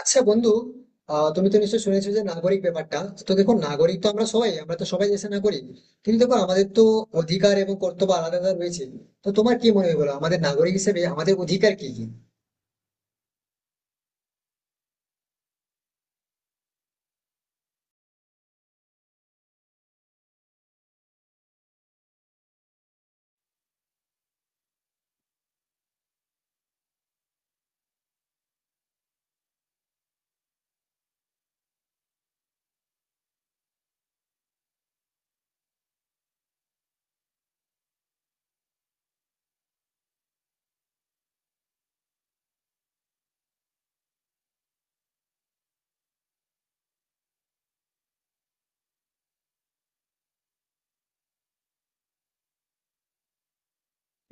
আচ্ছা বন্ধু। তুমি তো নিশ্চয়ই শুনেছো যে নাগরিক ব্যাপারটা। তো দেখো, নাগরিক তো আমরা সবাই, আমরা তো সবাই দেশের নাগরিক, কিন্তু দেখো আমাদের তো অধিকার এবং কর্তব্য আলাদা আলাদা রয়েছে। তো তোমার কি মনে হয় বলো, আমাদের নাগরিক হিসেবে আমাদের অধিকার কি কি?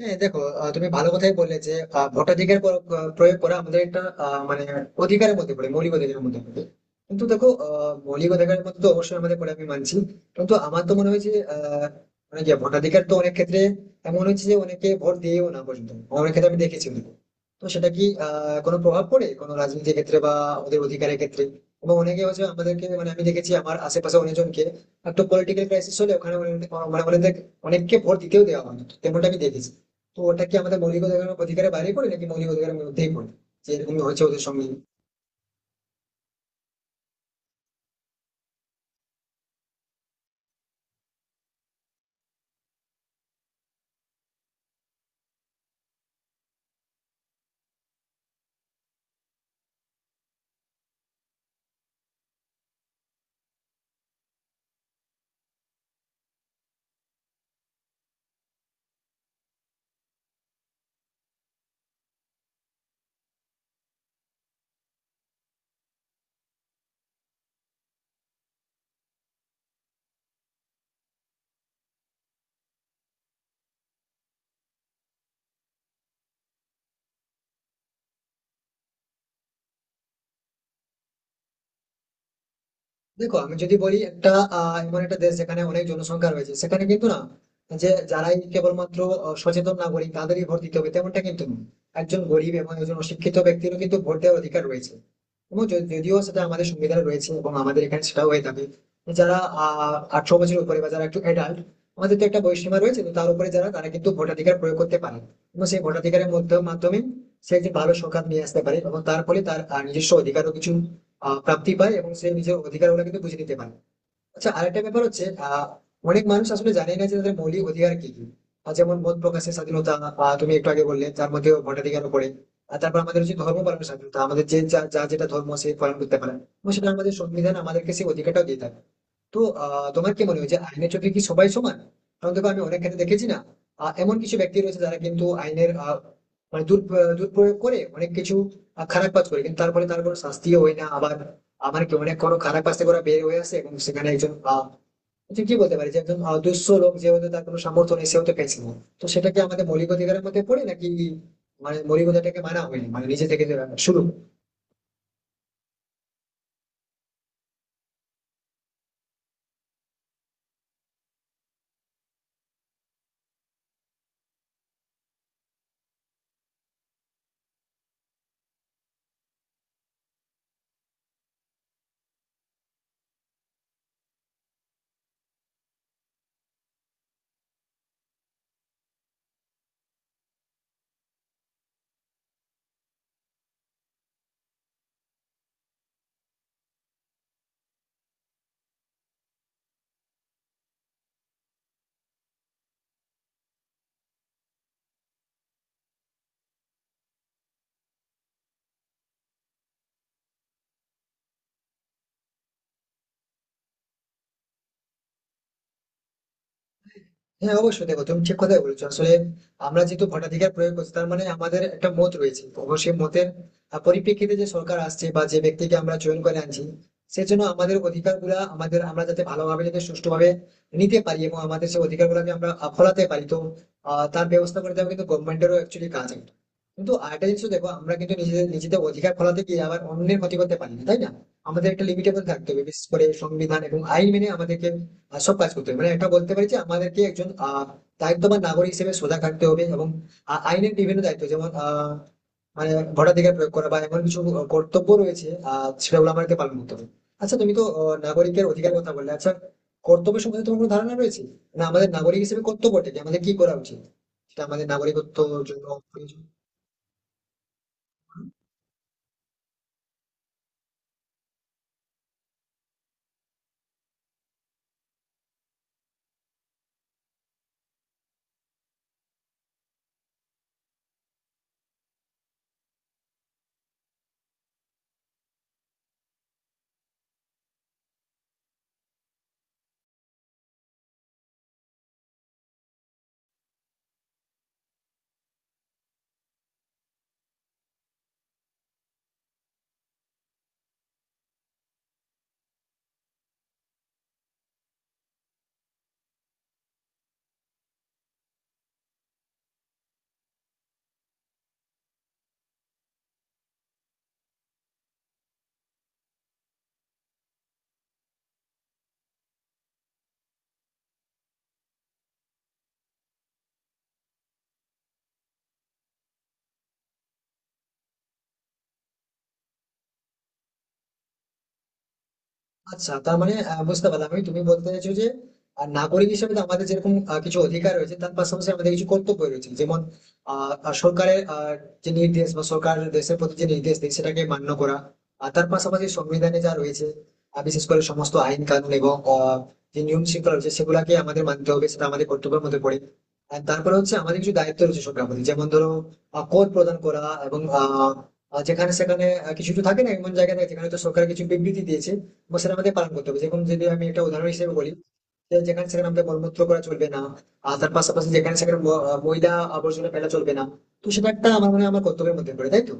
হ্যাঁ দেখো, তুমি ভালো কথাই বললে যে ভোটাধিকার প্রয়োগ করা আমাদের একটা মানে অধিকারের মধ্যে পড়ে মৌলিক অধিকারের মধ্যে পড়ে কিন্তু দেখো, মৌলিক অধিকারের মধ্যে তো অবশ্যই আমাদের পড়ে, আমি মানছি। কিন্তু আমার তো মনে হয় যে মানে কি, ভোটাধিকার তো অনেক ক্ষেত্রে এমন হচ্ছে যে অনেকে ভোট দিয়েও না পর্যন্ত, অনেক ক্ষেত্রে আমি দেখেছি কিন্তু। তো সেটা কি কোনো প্রভাব পড়ে কোনো রাজনীতির ক্ষেত্রে বা ওদের অধিকারের ক্ষেত্রে? এবং অনেকে হচ্ছে আমাদেরকে মানে আমি দেখেছি আমার আশেপাশে অনেকজনকে, একটা পলিটিক্যাল ক্রাইসিস হলে ওখানে মানে মানে অনেক- অনেককে ভোট দিতেও দেওয়া হয় না, তেমনটা আমি দেখেছি। তো ওটা কি আমাদের মৌলিক অধিকারের বাইরে পড়ে নাকি মৌলিক অধিকারের মধ্যেই পড়ে, যে এরকম হয়েছে ওদের সঙ্গে? দেখো আমি যদি বলি একটা, এমন একটা দেশ যেখানে অনেক জনসংখ্যা রয়েছে সেখানে কিন্তু না, যে যারাই কেবলমাত্র সচেতন নাগরিক তাদেরই ভোট দিতে হবে, তেমনটা কিন্তু নয়। একজন গরিব এবং একজন অশিক্ষিত ব্যক্তিরও কিন্তু ভোট দেওয়ার অধিকার রয়েছে। এবং যদিও সেটা আমাদের সংবিধানে রয়েছে এবং আমাদের এখানে সেটাও হয়ে থাকে। যারা 18 বছরের উপরে বা যারা একটু অ্যাডাল্ট, আমাদের তো একটা বয়সসীমা রয়েছে, তো তার উপরে যারা তারা কিন্তু ভোটাধিকার প্রয়োগ করতে পারে। এবং সেই ভোটাধিকারের মধ্যে মাধ্যমে সে একটি ভালো সরকার নিয়ে আসতে পারে এবং তার ফলে তার নিজস্ব অধিকারও কিছু প্রাপ্তি পায় এবং সে নিজের অধিকার গুলো কিন্তু বুঝে নিতে পারে। আচ্ছা, আরেকটা ব্যাপার হচ্ছে অনেক মানুষ আসলে জানে না যে তাদের মৌলিক অধিকার কি কি। যেমন মত প্রকাশের স্বাধীনতা, তুমি একটু আগে বললে তার মধ্যে ভোটাধিকারও পড়ে। আর তারপর আমাদের হচ্ছে ধর্ম পালনের স্বাধীনতা, আমাদের যে যা যা যেটা ধর্ম সে পালন করতে পারে, এবং সেটা আমাদের সংবিধান আমাদেরকে সেই অধিকারটাও দিয়ে থাকে। তো তোমার কি মনে হয় যে আইনের চোখে কি সবাই সমান? কারণ দেখো, আমি অনেক ক্ষেত্রে দেখেছি না, এমন কিছু ব্যক্তি রয়েছে যারা কিন্তু আইনের মানে দুর্প্রয়োগ করে অনেক কিছু খারাপ কাজ করে, কিন্তু তারপরে তার কোনো শাস্তিও হয় না আবার, আমার কি অনেক কোনো খারাপ কাজ থেকে ওরা বের হয়ে আসে। এবং সেখানে একজন যে কি বলতে পারি যে একজন দুঃস্থ লোক, যে হয়তো তার কোনো সামর্থ্য নেই, সে হয়তো পেয়েছে না। তো সেটা কি আমাদের মৌলিক অধিকারের মধ্যে পড়ে, নাকি মানে মৌলিক অধিকারটাকে মানা হয়নি মানে নিজে থেকে যে শুরু? হ্যাঁ অবশ্যই দেখো, তুমি ঠিক কথাই বলেছো। আসলে আমরা যেহেতু ভোটাধিকার প্রয়োগ করছি, তার মানে আমাদের একটা মত রয়েছে অবশ্যই, মতের পরিপ্রেক্ষিতে যে সরকার আসছে বা যে ব্যক্তিকে আমরা চয়ন করে আনছি, সেজন্য আমাদের অধিকার গুলা আমাদের আমরা যাতে ভালোভাবে যাতে সুষ্ঠুভাবে নিতে পারি এবং আমাদের সেই অধিকার গুলাকে আমরা ফলাতে পারি, তো তার ব্যবস্থা করে দেওয়া কিন্তু গভর্নমেন্টেরও অ্যাকচুয়ালি কাজ একটা। কিন্তু আরেকটা জিনিস দেখো, আমরা কিন্তু নিজেদের নিজেদের অধিকার ফলাতে গিয়ে আবার অন্যের ক্ষতি করতে পারি না, তাই না? আমাদের একটা লিমিটেবল থাকতে হবে, বিশেষ করে সংবিধান এবং আইন মেনে আমাদেরকে সব কাজ করতে হবে। মানে একটা বলতে পারি যে আমাদেরকে একজন দায়িত্ববান নাগরিক হিসেবে সোজা থাকতে হবে, এবং আইনের বিভিন্ন দায়িত্ব যেমন মানে ভোটাধিকার প্রয়োগ করা বা এমন কিছু কর্তব্য রয়েছে, সেগুলো আমাদেরকে পালন করতে হবে। আচ্ছা, তুমি তো নাগরিকের অধিকার কথা বললে, আচ্ছা কর্তব্য সম্বন্ধে তোমার কোনো ধারণা রয়েছে? না আমাদের নাগরিক হিসেবে কর্তব্যটা কি, আমাদের কি করা উচিত, সেটা আমাদের নাগরিকত্ব জন্য প্রয়োজন। আচ্ছা, তার মানে বুঝতে পারলাম আমি, তুমি বলতে চাইছো যে নাগরিক হিসেবে তো আমাদের যেরকম কিছু অধিকার রয়েছে, তার পাশাপাশি আমাদের কিছু কর্তব্য রয়েছে যেমন আহ, আহ, সরকারের যে নির্দেশ বা সরকার দেশের প্রতি যে নির্দেশ দেয় সেটাকে মান্য করা। আর তার পাশাপাশি সংবিধানে যা রয়েছে বিশেষ করে সমস্ত আইন কানুন এবং যে নিয়ম শৃঙ্খলা রয়েছে সেগুলাকে আমাদের মানতে হবে, সেটা আমাদের কর্তব্যের মধ্যে পড়ে। আর তারপরে হচ্ছে আমাদের কিছু দায়িত্ব রয়েছে সরকার প্রতি, যেমন ধরো কর প্রদান করা, এবং আহ, আহ, যেখানে সেখানে কিছু কিছু থাকে না এমন জায়গা থাকে, যেখানে তো সরকার কিছু বিবৃতি দিয়েছে এবং সেটা আমাকে পালন করতে হবে। যেরকম যদি আমি একটা উদাহরণ হিসেবে বলি, যে যেখানে সেখানে আমাদের মলমূত্র করা চলবে না, আর তার পাশাপাশি যেখানে সেখানে ময়লা আবর্জনা ফেলা চলবে না। তো সেটা একটা আমার মনে হয় আমার কর্তব্যের মধ্যে পড়ে, তাই তো?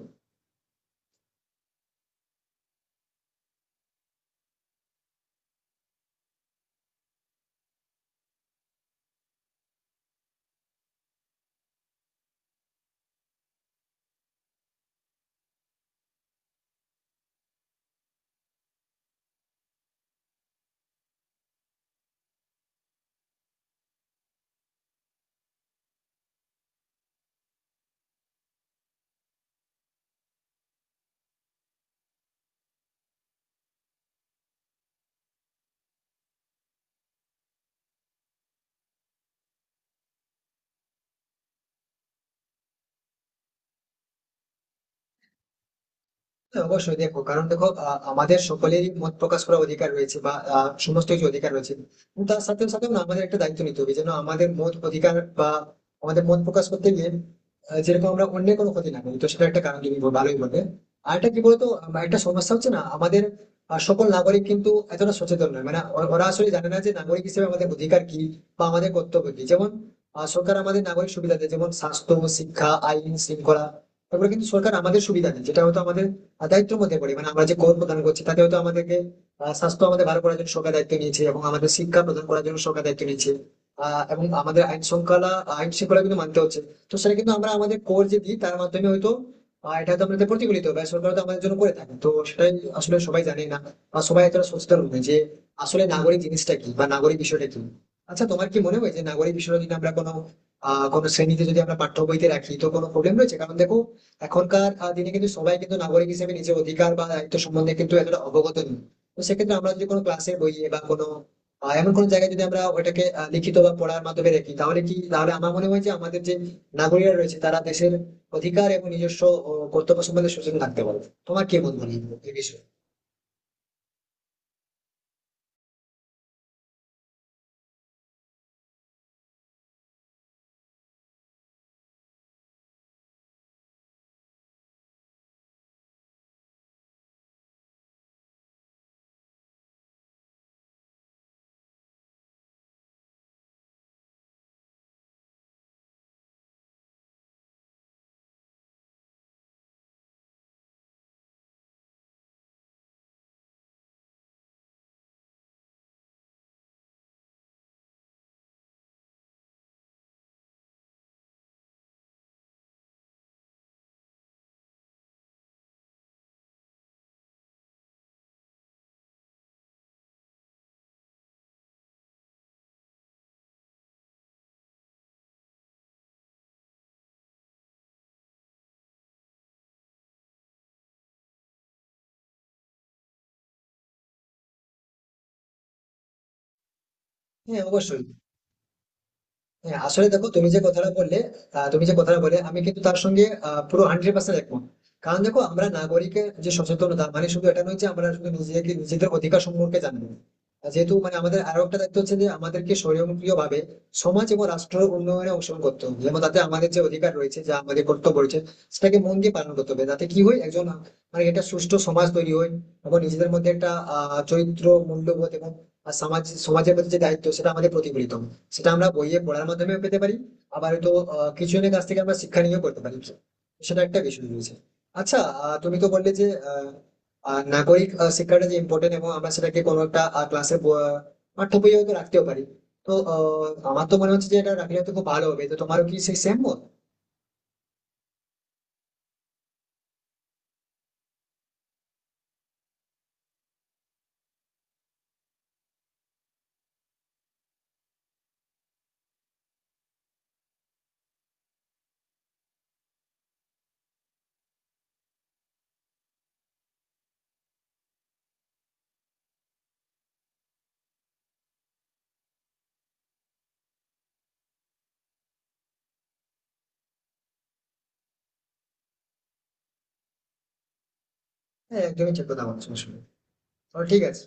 হ্যাঁ, অবশ্যই দেখো, কারণ দেখো আমাদের সকলেরই মত প্রকাশ করার অধিকার রয়েছে বা সমস্ত কিছু অধিকার রয়েছে, কিন্তু তার সাথে সাথে না আমাদের একটা দায়িত্ব নিতে হবে যেন আমাদের মত অধিকার বা আমাদের মত প্রকাশ করতে গিয়ে যেরকম আমরা অন্য কোনো ক্ষতি না করি, তো সেটা একটা কারণ তুমি ভালোই বলবে। আর একটা কি বলতো, একটা সমস্যা হচ্ছে না আমাদের, সকল নাগরিক কিন্তু এতটা সচেতন নয়, মানে ওরা আসলে জানে না যে নাগরিক হিসেবে আমাদের অধিকার কি বা আমাদের কর্তব্য কি। যেমন সরকার আমাদের নাগরিক সুবিধা দেয় যেমন স্বাস্থ্য, শিক্ষা, আইন শৃঙ্খলা। তারপরে কিন্তু সরকার আমাদের সুবিধা দেয় যেটা হয়তো আমাদের দায়িত্বের মধ্যে পড়ি। মানে আমরা যে কর প্রদান করছি তাতে হয়তো আমাদেরকে স্বাস্থ্য আমাদের ভালো করার জন্য সরকার দায়িত্ব নিয়েছে এবং আমাদের শিক্ষা প্রদান করার জন্য সরকার দায়িত্ব নিয়েছে, এবং আমাদের আইন শৃঙ্খলা কিন্তু মানতে হচ্ছে। তো সেটা কিন্তু আমরা আমাদের কর যে দিই তার মাধ্যমে হয়তো এটা তো আমাদের প্রতিফলিত হয়, সরকার তো আমাদের জন্য করে থাকে, তো সেটাই আসলে সবাই জানে না, বা সবাই এতটা সচেতন নয় যে আসলে নাগরিক জিনিসটা কি বা নাগরিক বিষয়টা কি। আচ্ছা, তোমার কি মনে হয় যে নাগরিক বিষয়টা যদি আমরা কোনো কোনো শ্রেণীতে যদি আমরা পাঠ্য বইতে রাখি, তো কোনো প্রবলেম রয়েছে? কারণ দেখো, এখনকার দিনে কিন্তু সবাই কিন্তু নাগরিক হিসেবে নিজের অধিকার বা দায়িত্ব সম্বন্ধে কিন্তু এতটা অবগত নেই। তো সেক্ষেত্রে আমরা যদি কোনো ক্লাসের বইয়ে বা কোনো এমন কোনো জায়গায় যদি আমরা ওটাকে লিখিত বা পড়ার মাধ্যমে রাখি, তাহলে কি তাহলে আমার মনে হয় যে আমাদের যে নাগরিকরা রয়েছে তারা দেশের অধিকার এবং নিজস্ব কর্তব্য সম্বন্ধে সচেতন থাকতে পারবে। তোমার কি মত মনে হয় এই বিষয়ে? হ্যাঁ অবশ্যই। হ্যাঁ আসলে দেখো, তুমি যে কথাটা বললে, তুমি যে কথাটা বলে আমি কিন্তু তার সঙ্গে পুরো 100% একমত। কারণ দেখো, আমরা নাগরিকের যে সচেতনতা মানে শুধু এটা নয় যে আমরা শুধু নিজেকে নিজেদের অধিকার সম্পর্কে জানবো, আর যেহেতু মানে আমাদের আরো একটা দায়িত্ব হচ্ছে যে আমাদেরকে স্বয়ংক্রিয় ভাবে সমাজ এবং রাষ্ট্রের উন্নয়নে অংশগ্রহণ করতে হবে, যেমন তাতে আমাদের যে অধিকার রয়েছে যা আমাদের কর্তব্য রয়েছে সেটাকে মন দিয়ে পালন করতে হবে, যাতে কি হয় একজন মানে একটা সুষ্ঠু সমাজ তৈরি হয় এবং নিজেদের মধ্যে একটা চরিত্র, মূল্যবোধ এবং আর সমাজ সমাজের প্রতি যে দায়িত্ব সেটা আমাদের প্রতিফলিত হয়। সেটা আমরা বইয়ে পড়ার মাধ্যমে পেতে পারি, আবার হয়তো কিছুজনের কাছ থেকে আমরা শিক্ষা নিয়েও করতে পারি, সেটা একটা বিষয় রয়েছে। আচ্ছা, তুমি তো বললে যে আহ, আহ, নাগরিক শিক্ষাটা যে ইম্পর্টেন্ট, এবং আমরা সেটাকে কোনো একটা ক্লাসে পাঠ্য বইয়ে হয়তো রাখতেও পারি। তো আমার তো মনে হচ্ছে যে এটা রাখলে হয়তো খুব ভালো হবে, তো তোমারও কি সেই সেম মত? হ্যাঁ একদমই ঠিক কথা বলছো আসলে। তো ঠিক আছে।